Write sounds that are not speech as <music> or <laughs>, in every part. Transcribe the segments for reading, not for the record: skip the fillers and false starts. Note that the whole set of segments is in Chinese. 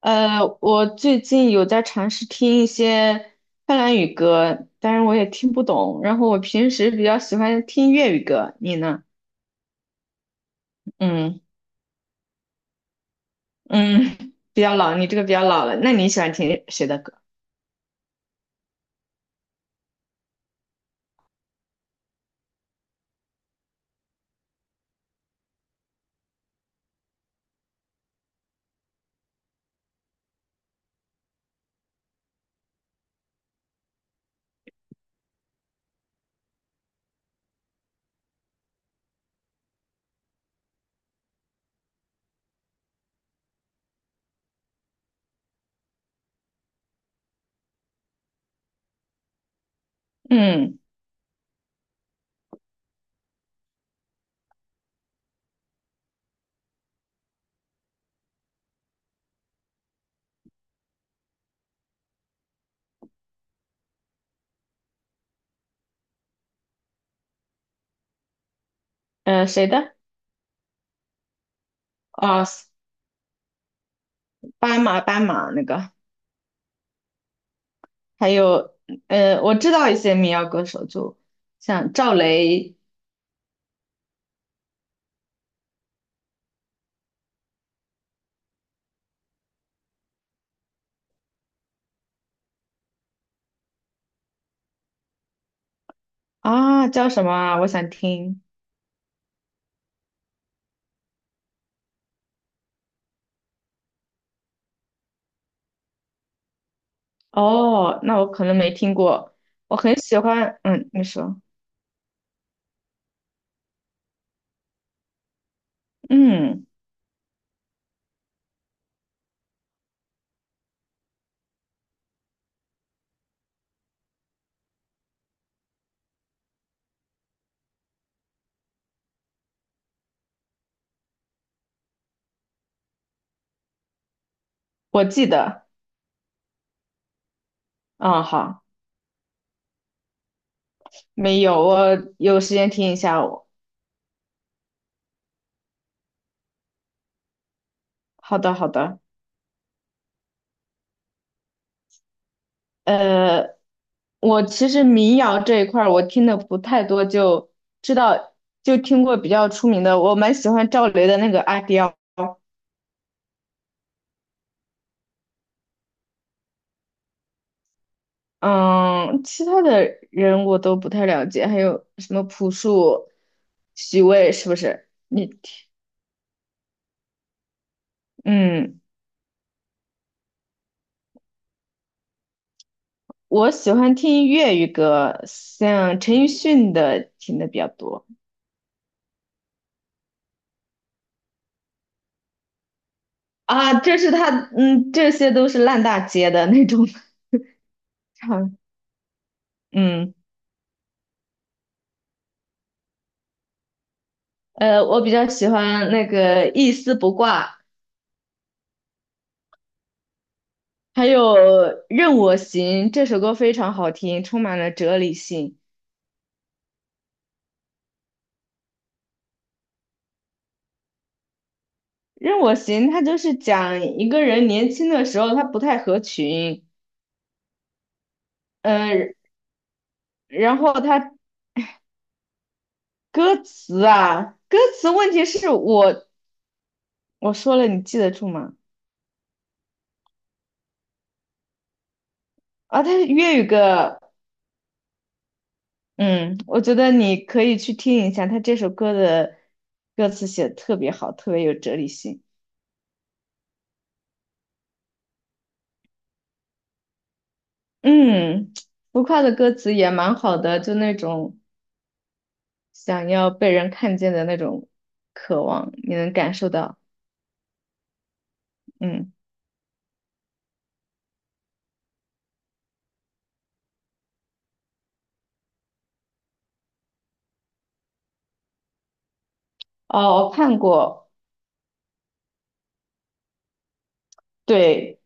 我最近有在尝试听一些芬兰语歌，但是我也听不懂。然后我平时比较喜欢听粤语歌，你呢？嗯嗯，比较老，你这个比较老了。那你喜欢听谁的歌？嗯谁的？哦，斑马那个，还有我知道一些民谣歌手，就像赵雷啊，叫什么啊？我想听。哦，那我可能没听过。我很喜欢，嗯，你说，嗯。我记得，嗯，好，没有，我有时间听一下我。好的，好的，呃，我其实民谣这一块儿我听的不太多，就知道就听过比较出名的，我蛮喜欢赵雷的那个《阿刁》，嗯，其他的人我都不太了解，还有什么朴树、许巍是不是？你听嗯，我喜欢听粤语歌，像陈奕迅的听的比较多。啊，这是他，嗯，这些都是烂大街的那种唱 <laughs>，嗯，我比较喜欢那个一丝不挂，还有任我行这首歌非常好听，充满了哲理性。任我行，他就是讲一个人年轻的时候他不太合群，嗯、然后他歌词啊，歌词问题是我说了你记得住吗？啊，他是粤语歌，嗯，我觉得你可以去听一下，他这首歌的歌词写的特别好，特别有哲理性。嗯，浮夸的歌词也蛮好的，就那种想要被人看见的那种渴望，你能感受到。嗯，哦，我看过，对，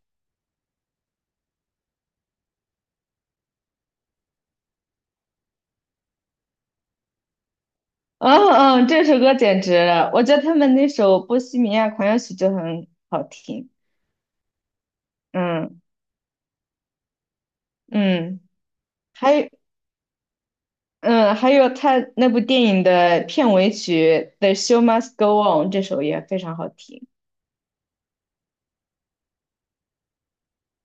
嗯嗯，这首歌简直了，我觉得他们那首《波西米亚狂想曲》就很好听。嗯嗯，还有嗯，还有他那部电影的片尾曲《The Show Must Go On》这首也非常好听。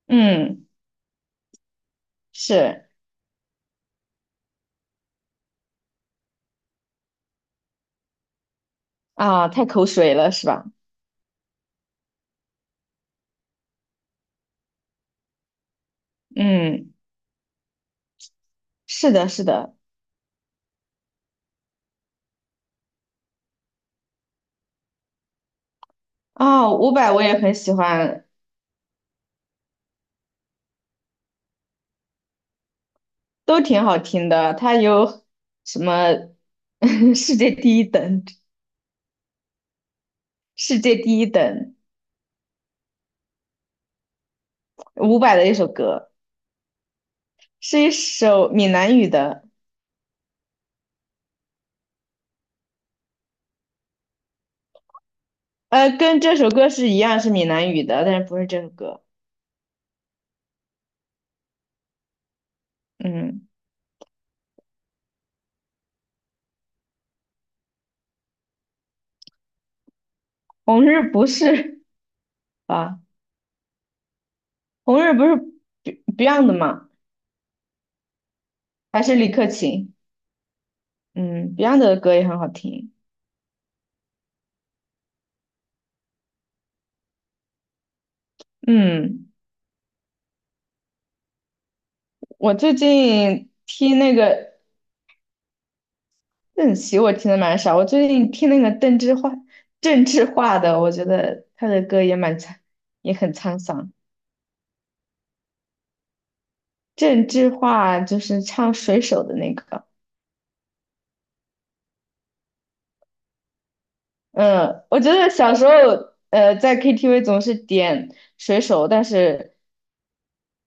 嗯，是啊，太口水了是吧？嗯，是的，是的。啊，伍佰我也很喜欢，都挺好听的。他有什么 <laughs> 世界第一等，世界第一等，伍佰的一首歌，是一首闽南语的，跟这首歌是一样是闽南语的，但是不是这首歌。嗯，红日不是啊。红日不是 Beyond 吗？还是李克勤？嗯，Beyond 的歌也很好听。嗯，我最近听那个邓紫棋，我听的蛮少。我最近听那个邓智化，郑智化的，我觉得他的歌也蛮沧，也很沧桑。郑智化就是唱《水手》的那个。嗯，我觉得小时候，在 KTV 总是点水手，但是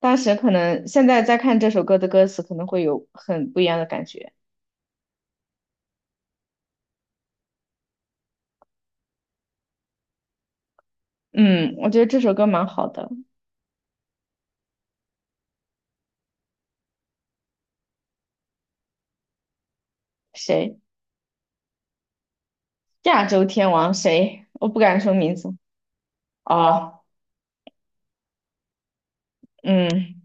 当时可能现在再看这首歌的歌词，可能会有很不一样的感觉。嗯，我觉得这首歌蛮好的。谁？亚洲天王谁？我不敢说名字。哦，嗯，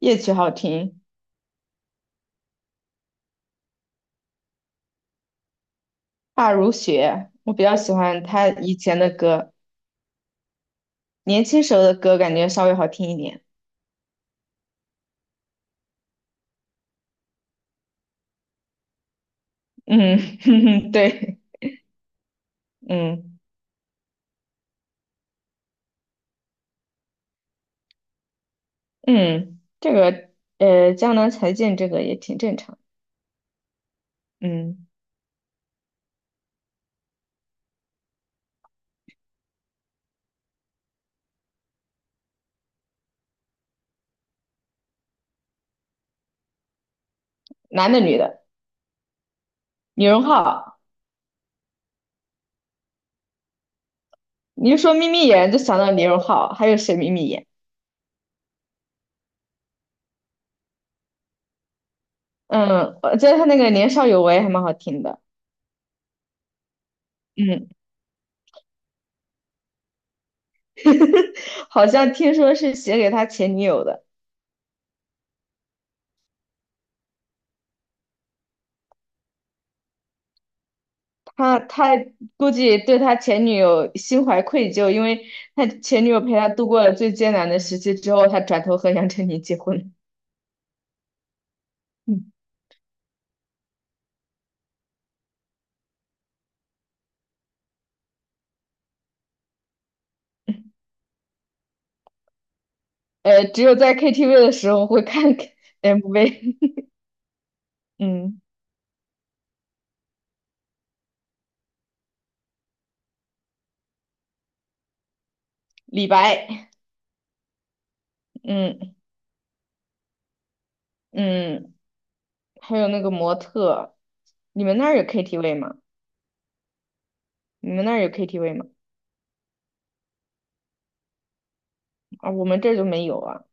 夜曲好听，发如雪，我比较喜欢他以前的歌，年轻时候的歌感觉稍微好听一点。嗯，<laughs> 对，嗯。嗯，这个江南才尽这个也挺正常。嗯，男的女的，李荣浩，你一说眯眯眼就想到李荣浩，还有谁眯眯眼？嗯，我觉得他那个年少有为还蛮好听的。嗯，<laughs> 好像听说是写给他前女友的，他估计对他前女友心怀愧疚，因为他前女友陪他度过了最艰难的时期之后，他转头和杨丞琳结婚了嗯，只有在 KTV 的时候会看 MV。<laughs> 嗯。李白，嗯嗯，还有那个模特，你们那儿有 KTV 吗？你们那儿有 KTV 吗？啊，我们这儿就没有啊。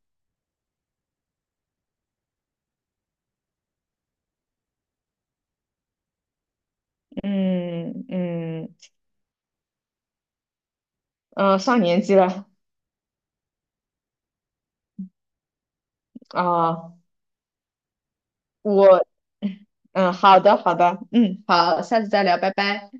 嗯嗯上年纪了啊，我嗯，好的好的，嗯，好，下次再聊，拜拜。